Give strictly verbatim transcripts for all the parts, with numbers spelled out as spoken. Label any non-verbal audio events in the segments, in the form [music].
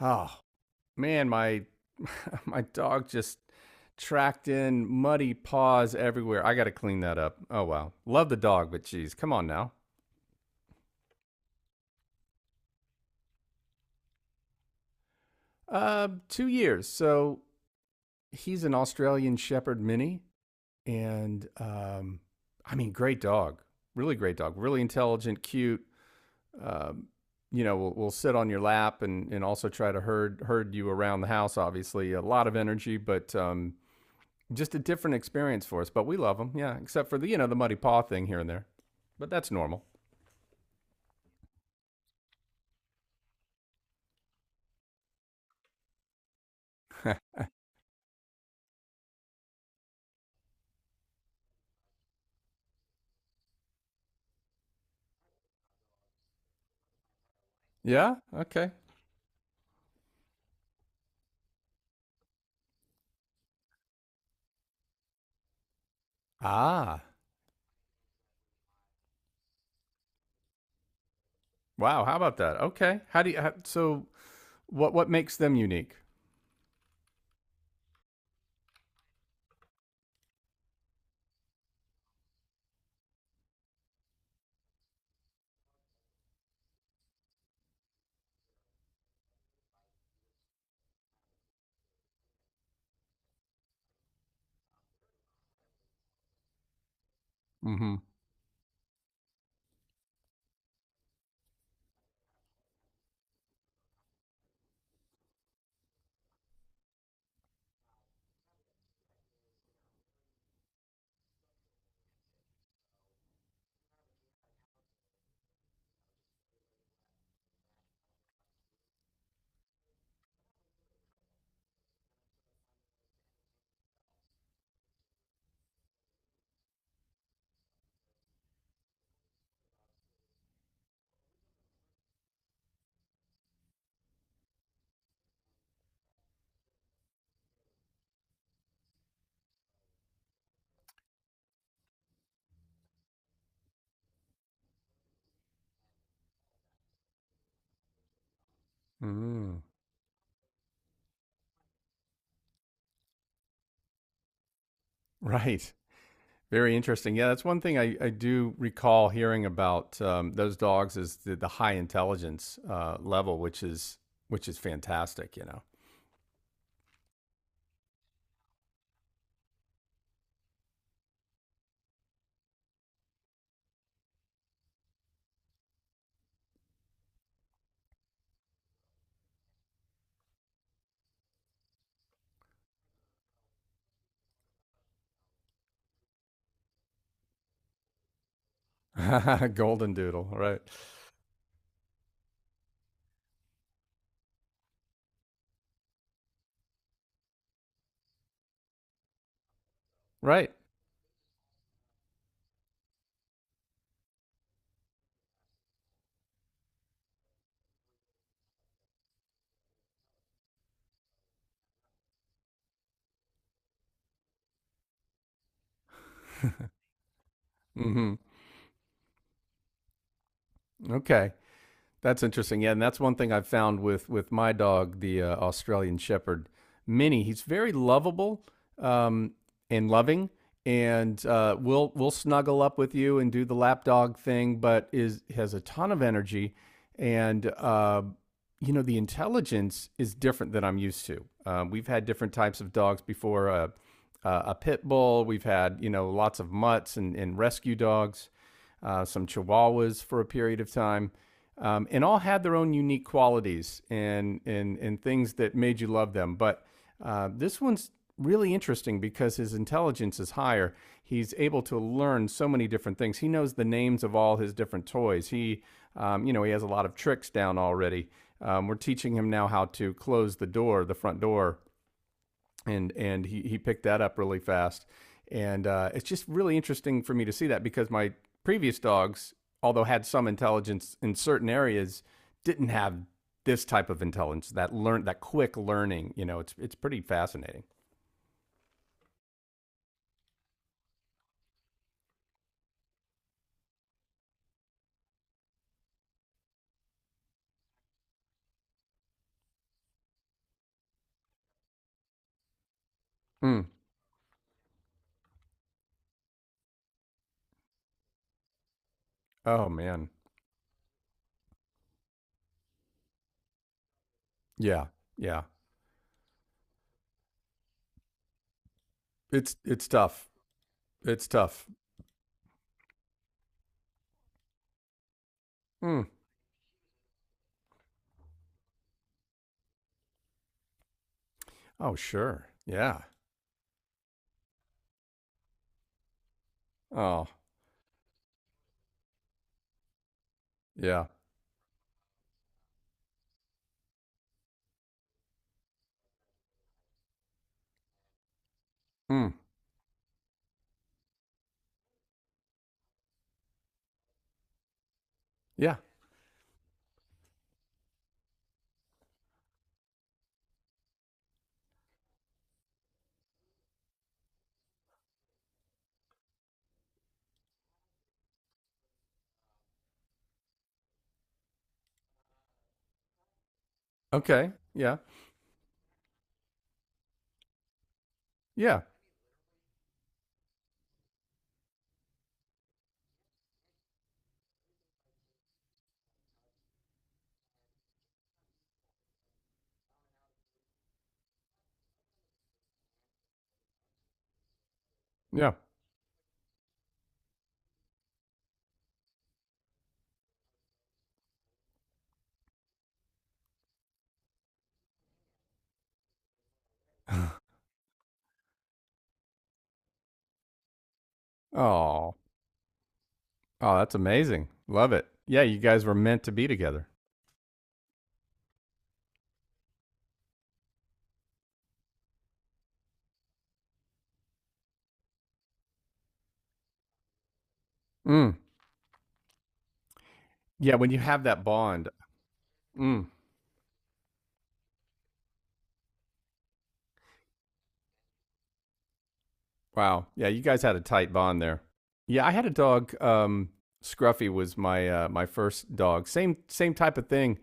Oh, man, my [laughs] my dog just tracked in muddy paws everywhere. I got to clean that up. Oh wow. Love the dog, but geez, come on now. Uh two years. So he's an Australian Shepherd mini and um I mean great dog. Really great dog. Really intelligent, cute. Um you know, will will sit on your lap and and also try to herd herd you around the house obviously. A lot of energy, but um just a different experience for us, but we love them. Yeah, except for the you know the muddy paw thing here and there, but that's normal. Yeah. Okay. Ah. Wow. How about that? Okay. How do you? How, so what what makes them unique? Hmm. Mm. Right. Very interesting. Yeah, that's one thing I, I do recall hearing about um, those dogs is the, the high intelligence uh, level, which is which is fantastic. You know. [laughs] Golden doodle, right. Right. Mhm. Okay. That's interesting. Yeah, and that's one thing I've found with with my dog, the uh, Australian Shepherd, Minnie. He's very lovable um, and loving, and uh, will will snuggle up with you and do the lap dog thing, but is has a ton of energy, and uh, you know, the intelligence is different than I'm used to. Um, we've had different types of dogs before uh, uh, a pit bull, we've had, you know, lots of mutts and, and rescue dogs, uh, some chihuahuas for a period of time. Um, and all had their own unique qualities and, and, and things that made you love them. But uh, this one's really interesting because his intelligence is higher. He's able to learn so many different things. He knows the names of all his different toys. He, um, you know, he has a lot of tricks down already. Um, we're teaching him now how to close the door, the front door, and and he he picked that up really fast. And uh, it's just really interesting for me to see that because my previous dogs, although had some intelligence in certain areas, didn't have this type of intelligence that learn that quick learning. You know, it's it's pretty fascinating. Mm. Oh man, yeah, yeah. It's it's tough. It's tough. Mm. Oh sure, yeah. Oh yeah. Mm. Yeah. Okay. Yeah. Yeah. Yeah. Oh. Oh, that's amazing. Love it. Yeah, you guys were meant to be together. Mm. Yeah, when you have that bond. Mm. Wow. Yeah, you guys had a tight bond there. Yeah, I had a dog. Um, Scruffy was my uh, my first dog. Same same type of thing.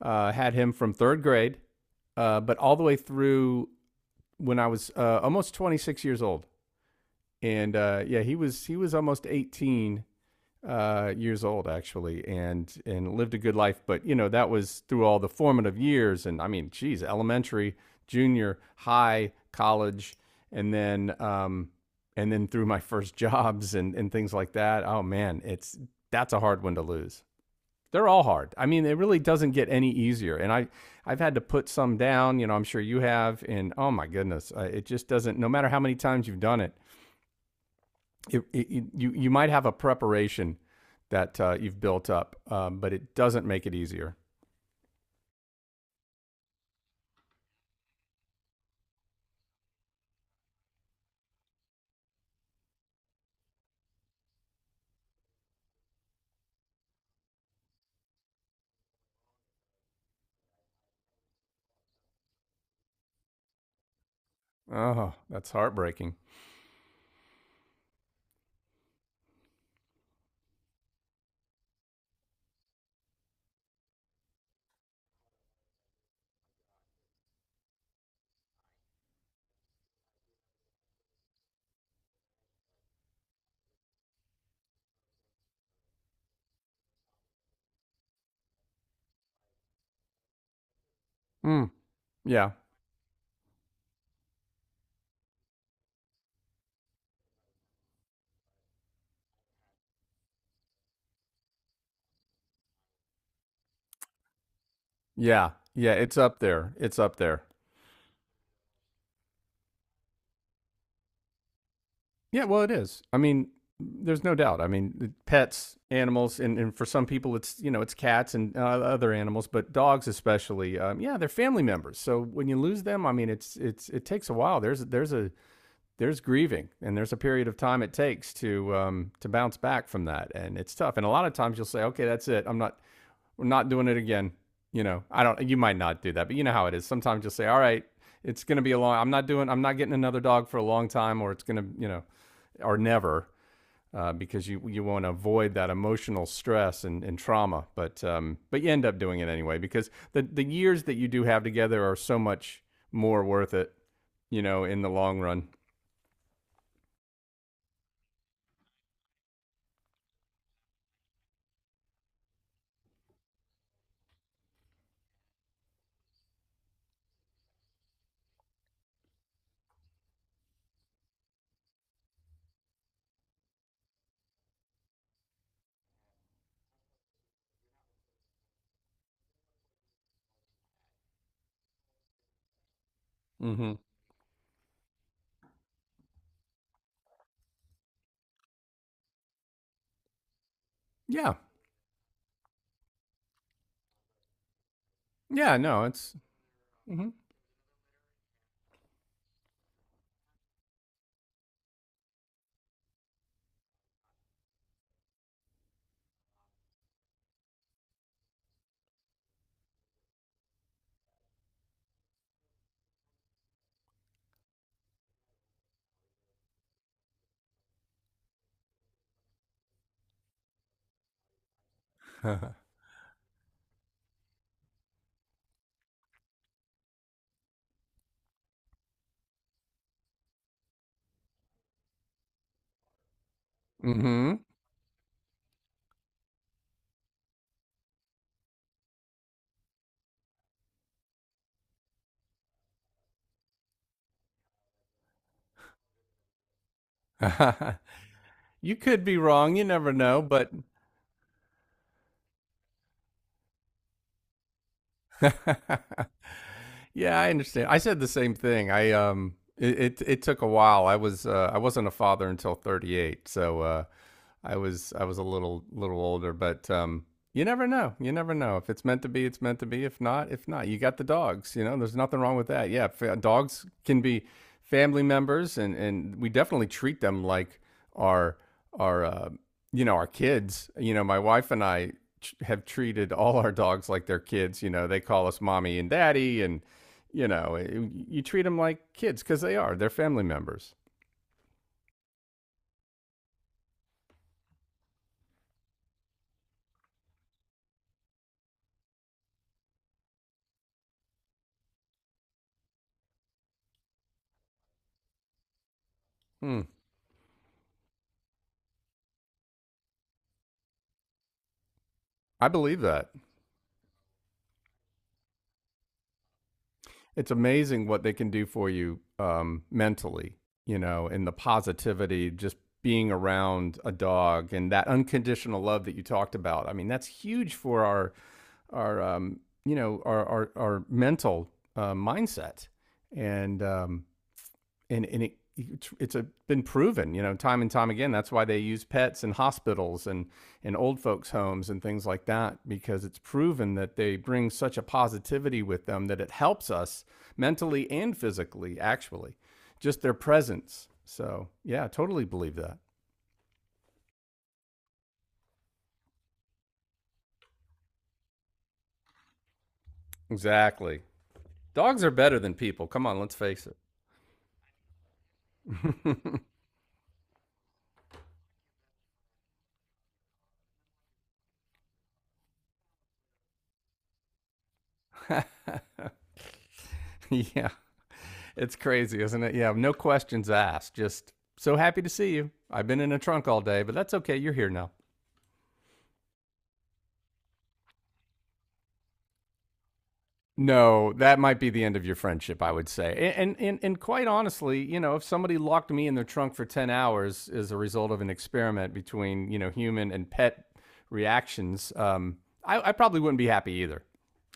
Uh, had him from third grade, uh, but all the way through when I was uh, almost twenty-six years old. And uh, yeah, he was he was almost eighteen uh, years old actually, and and lived a good life. But you know that was through all the formative years, and I mean, geez, elementary, junior, high, college, and then um, and then through my first [laughs] jobs and and things like that. Oh man, it's that's a hard one to lose. They're all hard. I mean, it really doesn't get any easier. And I I've had to put some down. You know, I'm sure you have. And oh my goodness, uh, it just doesn't. No matter how many times you've done it, it, it, you you might have a preparation that uh, you've built up, um, but it doesn't make it easier. Oh, that's heartbreaking. Mm, yeah, yeah, yeah. It's up there. It's up there. Yeah, well, it is. I mean, there's no doubt. I mean, pets, animals, and, and for some people, it's you know, it's cats and uh, other animals, but dogs especially. Um, yeah, they're family members. So when you lose them, I mean, it's it's it takes a while. There's there's a there's grieving, and there's a period of time it takes to um, to bounce back from that, and it's tough. And a lot of times you'll say, okay, that's it. I'm not we're not doing it again. You know, I don't. You might not do that, but you know how it is. Sometimes you'll say, "All right, it's going to be a long. I'm not doing. I'm not getting another dog for a long time, or it's going to, you know, or never." Uh, because you you want to avoid that emotional stress and, and trauma, but um, but you end up doing it anyway because the the years that you do have together are so much more worth it, you know, in the long run. Hmm. Yeah, yeah, no, it's. Hmm. Hmm. [laughs] [laughs] you could be wrong. You never know, but that yeah, I understand. I said the same thing. I um it it, it took a while. I was uh, I wasn't a father until thirty-eight. So uh I was I was a little little older, but um you never know. You never know. If it's meant to be, it's meant to be. If not, if not, you got the dogs, you know. There's nothing wrong with that. Yeah, fa- dogs can be family members and and we definitely treat them like our our uh, you know, our kids. You know, my wife and I have treated all our dogs like their kids, you know. They call us mommy and daddy and you know, eh, you treat them like kids because they are. They're family members. Hmm. I believe that. It's amazing what they can do for you um, mentally, you know, and the positivity, just being around a dog and that unconditional love that you talked about. I mean, that's huge for our, our, um, you know, our, our, our mental uh, mindset. And um, and and it it's a, been proven, you know, time and time again. That's why they use pets in hospitals and in old folks' homes and things like that, because it's proven that they bring such a positivity with them that it helps us mentally and physically, actually, just their presence. So, yeah, I totally believe that. Exactly. Dogs are better than people. Come on, let's face it. [laughs] yeah, it's crazy, isn't it? Yeah, no questions asked. Just so happy to see you. I've been in a trunk all day, but that's okay. You're here now. No, that might be the end of your friendship, I would say. And and and quite honestly, you know, if somebody locked me in their trunk for ten hours as a result of an experiment between, you know, human and pet reactions, um, I, I probably wouldn't be happy either.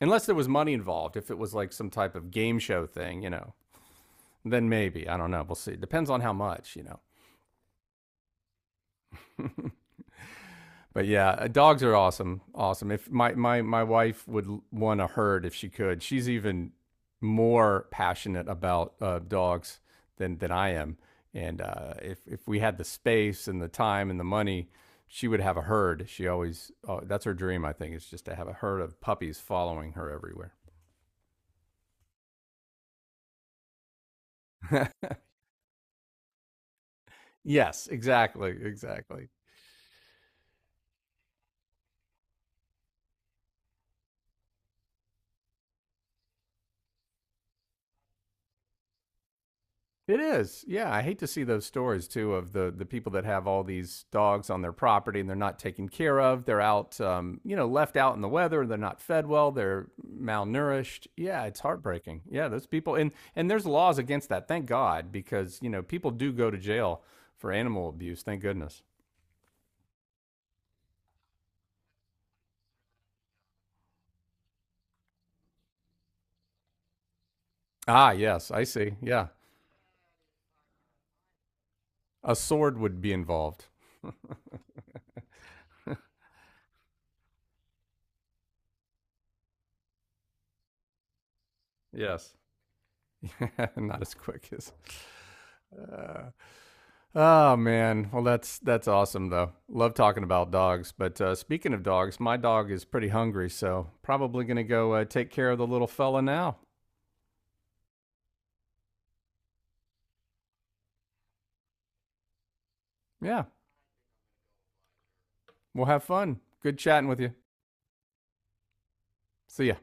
Unless there was money involved, if it was like some type of game show thing, you know, then maybe. I don't know. We'll see. Depends on how much, you know. But yeah, uh, dogs are awesome. Awesome. If my my my wife would want a herd if she could. She's even more passionate about uh, dogs than than I am. And uh, if if we had the space and the time and the money, she would have a herd. She always oh, that's her dream. I think is just to have a herd of puppies following her everywhere. Yes, exactly, exactly. It is. Yeah, I hate to see those stories too of the the people that have all these dogs on their property and they're not taken care of. They're out, um, you know, left out in the weather. They're not fed well. They're malnourished. Yeah, it's heartbreaking. Yeah, those people and and there's laws against that. Thank God, because you know people do go to jail for animal abuse. Thank goodness. Ah, yes, I see. Yeah, a sword would be involved. Yes, [laughs] not as quick as. Uh, Oh man, well that's that's awesome though. Love talking about dogs. But uh, speaking of dogs, my dog is pretty hungry, so probably gonna go uh, take care of the little fella now. Yeah, we'll have fun. Good chatting with you. See ya.